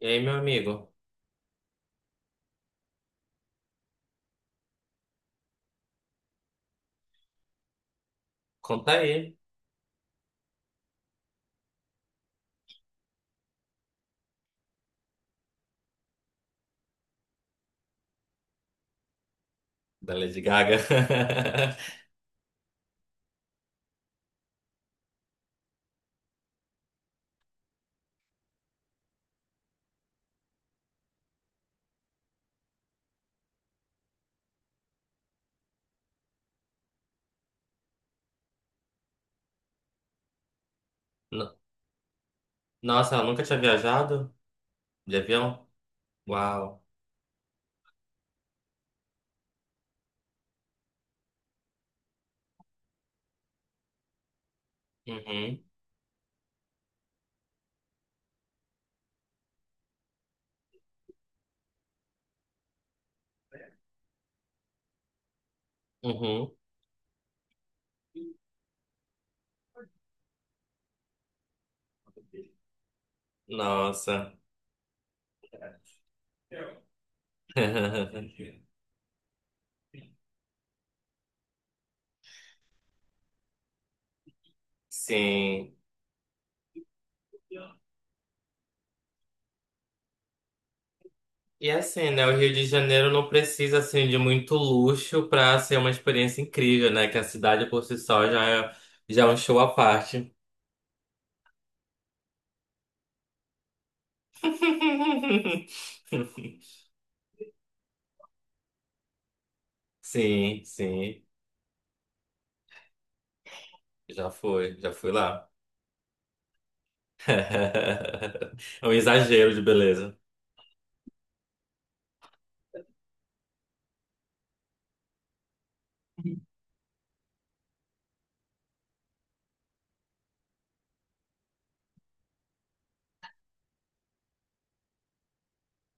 E aí, meu amigo? Conta aí, da Lady Gaga. No- Nossa, ela nunca tinha viajado de avião? Uau. Uhum, uhum. Nossa. Sim. E assim, né? O Rio de Janeiro não precisa, assim, de muito luxo pra ser uma experiência incrível, né? Que a cidade por si só já é um show à parte. Sim, sim. Já fui lá. É um exagero de beleza.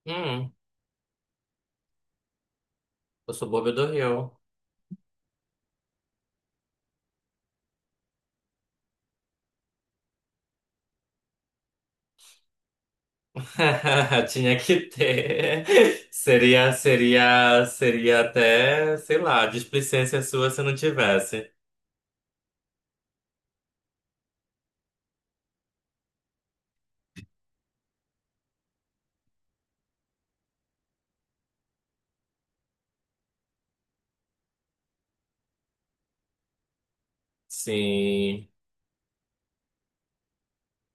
Hum, eu sou bobo do Rio. Tinha que ter. Seria até, sei lá, displicência sua se não tivesse. Sim.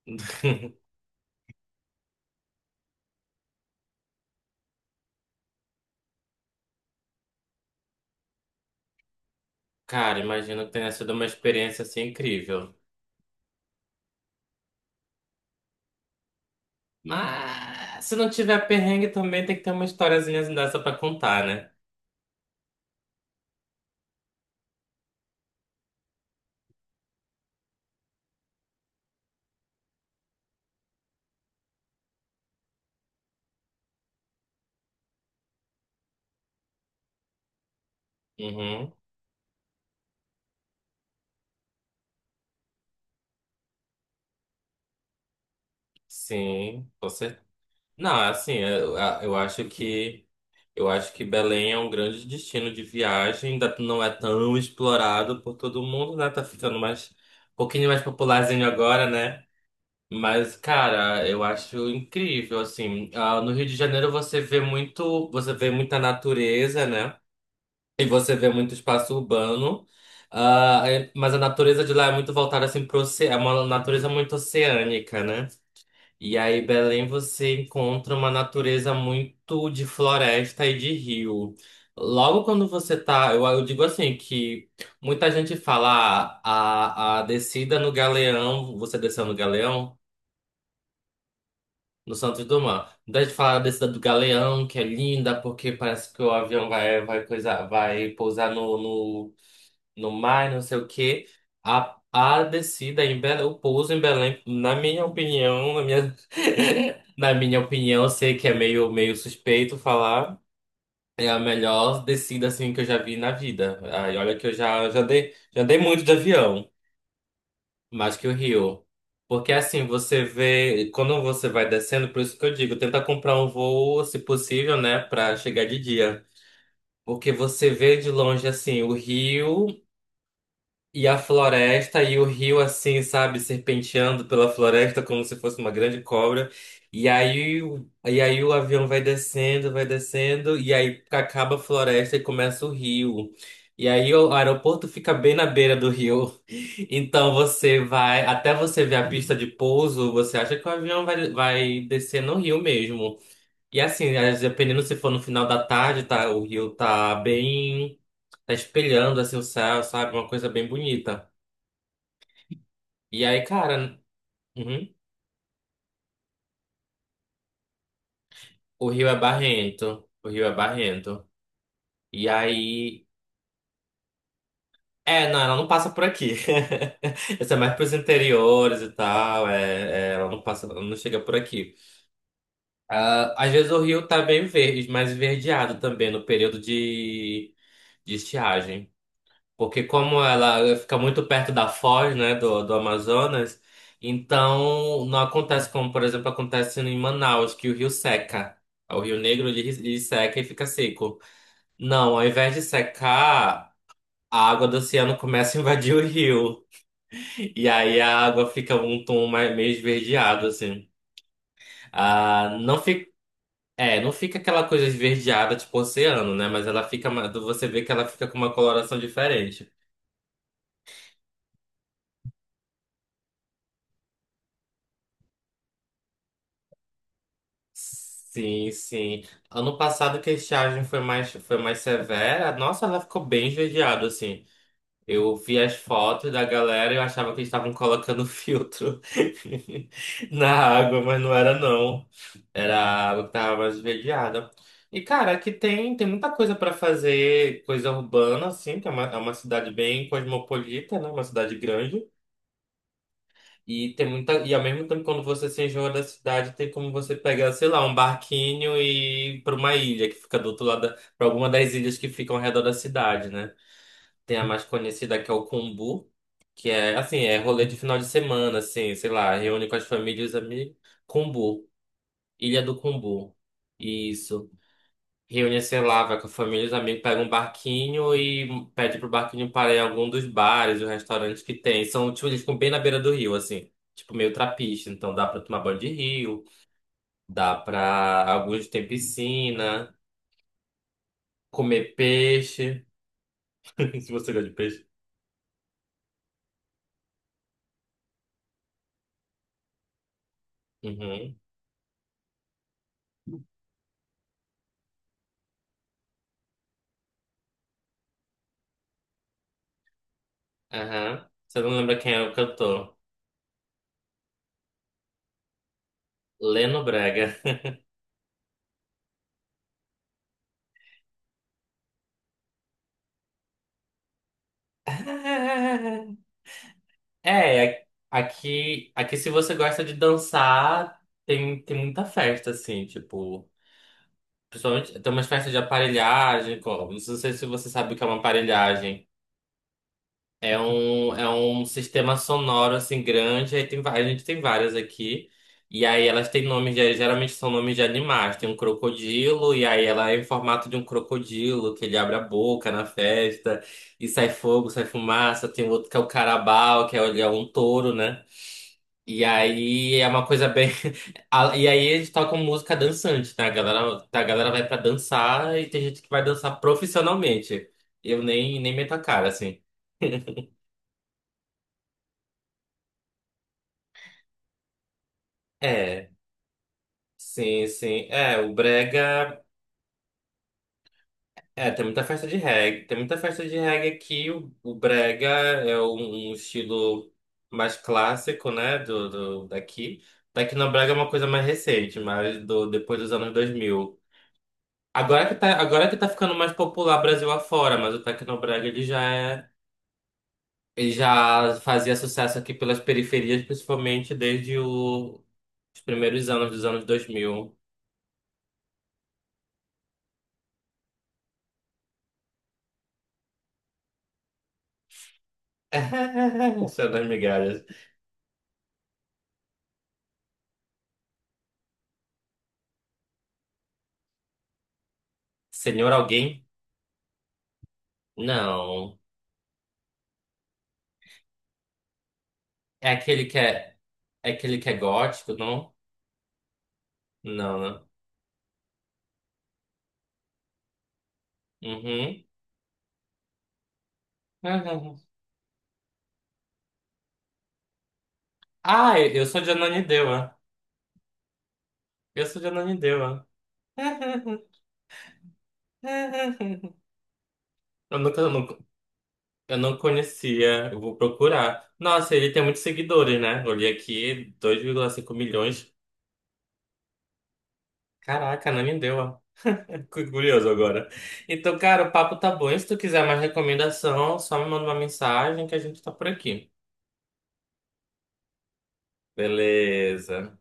Cara, imagino que tenha sido uma experiência assim incrível. Mas se não tiver perrengue, também tem que ter uma historiazinha dessa pra contar, né? Uhum, sim, com certeza. Não, é assim, é, eu acho que eu acho que Belém é um grande destino de viagem, ainda não é tão explorado por todo mundo, né? Tá ficando mais um pouquinho mais popularzinho agora, né? Mas, cara, eu acho incrível, assim. Ah, no Rio de Janeiro você vê muita natureza, né? E você vê muito espaço urbano, mas a natureza de lá é muito voltada assim para, é uma natureza muito oceânica, né? E aí, Belém, você encontra uma natureza muito de floresta e de rio. Logo quando você tá, eu digo assim que muita gente fala ah, a descida no Galeão, você desceu no Galeão, no Santos Dumont. Muita gente fala a descida do Galeão, que é linda, porque parece que vai coisa, vai pousar no mar, não sei o quê. A descida em Belém, o pouso em Belém, na minha opinião, na minha, na minha opinião, eu sei que é meio suspeito falar, é a melhor descida assim que eu já vi na vida. Aí, olha que eu já dei muito de avião, mais que o Rio. Porque assim, você vê, quando você vai descendo, por isso que eu digo, tenta comprar um voo, se possível, né, pra chegar de dia. Porque você vê de longe assim o rio. E a floresta e o rio assim, sabe, serpenteando pela floresta como se fosse uma grande cobra. E aí, e aí o avião vai descendo, e aí acaba a floresta e começa o rio. E aí o aeroporto fica bem na beira do rio. Então você vai, até você ver a pista de pouso, você acha que vai descer no rio mesmo. E assim, dependendo se for no final da tarde, tá, o rio tá bem, tá espelhando assim o céu, sabe? Uma coisa bem bonita. E aí, cara, uhum, o rio é barrento. O rio é barrento. E aí. É, não, ela não passa por aqui. Isso é mais pros interiores e tal. Ela não passa, ela não chega por aqui. Ah, às vezes o rio tá bem verde, mais esverdeado também no período de estiagem. Porque como ela fica muito perto da foz, né, do Amazonas, então não acontece como, por exemplo, acontece em Manaus, que o rio seca. O Rio Negro ele seca e fica seco. Não, ao invés de secar, a água do oceano começa a invadir o rio. E aí a água fica um tom mais, meio esverdeado, assim. Ah, não fica, é, não fica aquela coisa esverdeada tipo oceano, né? Mas ela fica, você vê que ela fica com uma coloração diferente. Sim, sim. Ano passado que a estiagem foi mais severa, nossa, ela ficou bem esverdeada, assim. Eu vi as fotos da galera e eu achava que eles estavam colocando filtro na água, mas não era não. Era a água que tava mais esverdeada. E, cara, aqui tem muita coisa para fazer, coisa urbana, assim, que é é uma cidade bem cosmopolita, né? Uma cidade grande. E tem muita. E ao mesmo tempo, quando você se enjoa da cidade, tem como você pegar, sei lá, um barquinho e ir para uma ilha que fica do outro lado, para alguma das ilhas que ficam ao redor da cidade, né? Tem a mais conhecida que é o Cumbu, que é assim, é rolê de final de semana, assim, sei lá, reúne com as famílias e os amigos. Cumbu, Ilha do Cumbu. Isso. Reúne, sei lá, vai com a família, os amigos, pega um barquinho e pede pro barquinho parar em algum dos bares, os restaurantes que tem. São, tipo, eles ficam bem na beira do rio, assim. Tipo, meio trapiche. Então dá pra tomar banho de rio, dá pra... Alguns tem piscina, comer peixe. Se você gosta de peixe. Uhum. Aham. Você não lembra quem é o cantor? Leno Brega. É, aqui se você gosta de dançar, tem muita festa, assim, tipo... Principalmente, tem umas festas de aparelhagem, como, não sei se você sabe o que é uma aparelhagem. É é um sistema sonoro, assim, grande, aí tem, a gente tem várias aqui, e aí elas têm nomes, de, geralmente são nomes de animais, tem um crocodilo, e aí ela é em formato de um crocodilo, que ele abre a boca na festa, e sai fogo, sai fumaça, tem outro que é o carabao, que é, ele é um touro, né? E aí é uma coisa bem. E aí eles tocam música dançante, tá? A galera vai pra dançar e tem gente que vai dançar profissionalmente. Eu nem, nem meto a cara, assim. É, sim, sim. É, o Brega. É, tem muita festa de reggae. Tem muita festa de reggae aqui. O Brega é um estilo mais clássico, né? Daqui. Daqui no Brega é uma coisa mais recente, mas do, depois dos anos 2000. Agora que tá ficando mais popular Brasil afora, mas o Tecnobrega ele já é, ele já fazia sucesso aqui pelas periferias, principalmente os primeiros anos dos anos 2000. São das migalhas. Senhor alguém? Não. É aquele que é, é aquele que é gótico, não? Não, né? Uhum. Ah, eu sou de Ananindeua. Eu sou de Ananindeua. Eu nunca, eu não conhecia, eu vou procurar. Nossa, ele tem muitos seguidores, né? Olhei aqui, 2,5 milhões. Caraca, não me deu. Ó. Fico curioso agora. Então, cara, o papo tá bom. E se tu quiser mais recomendação, só me manda uma mensagem que a gente tá por aqui. Beleza.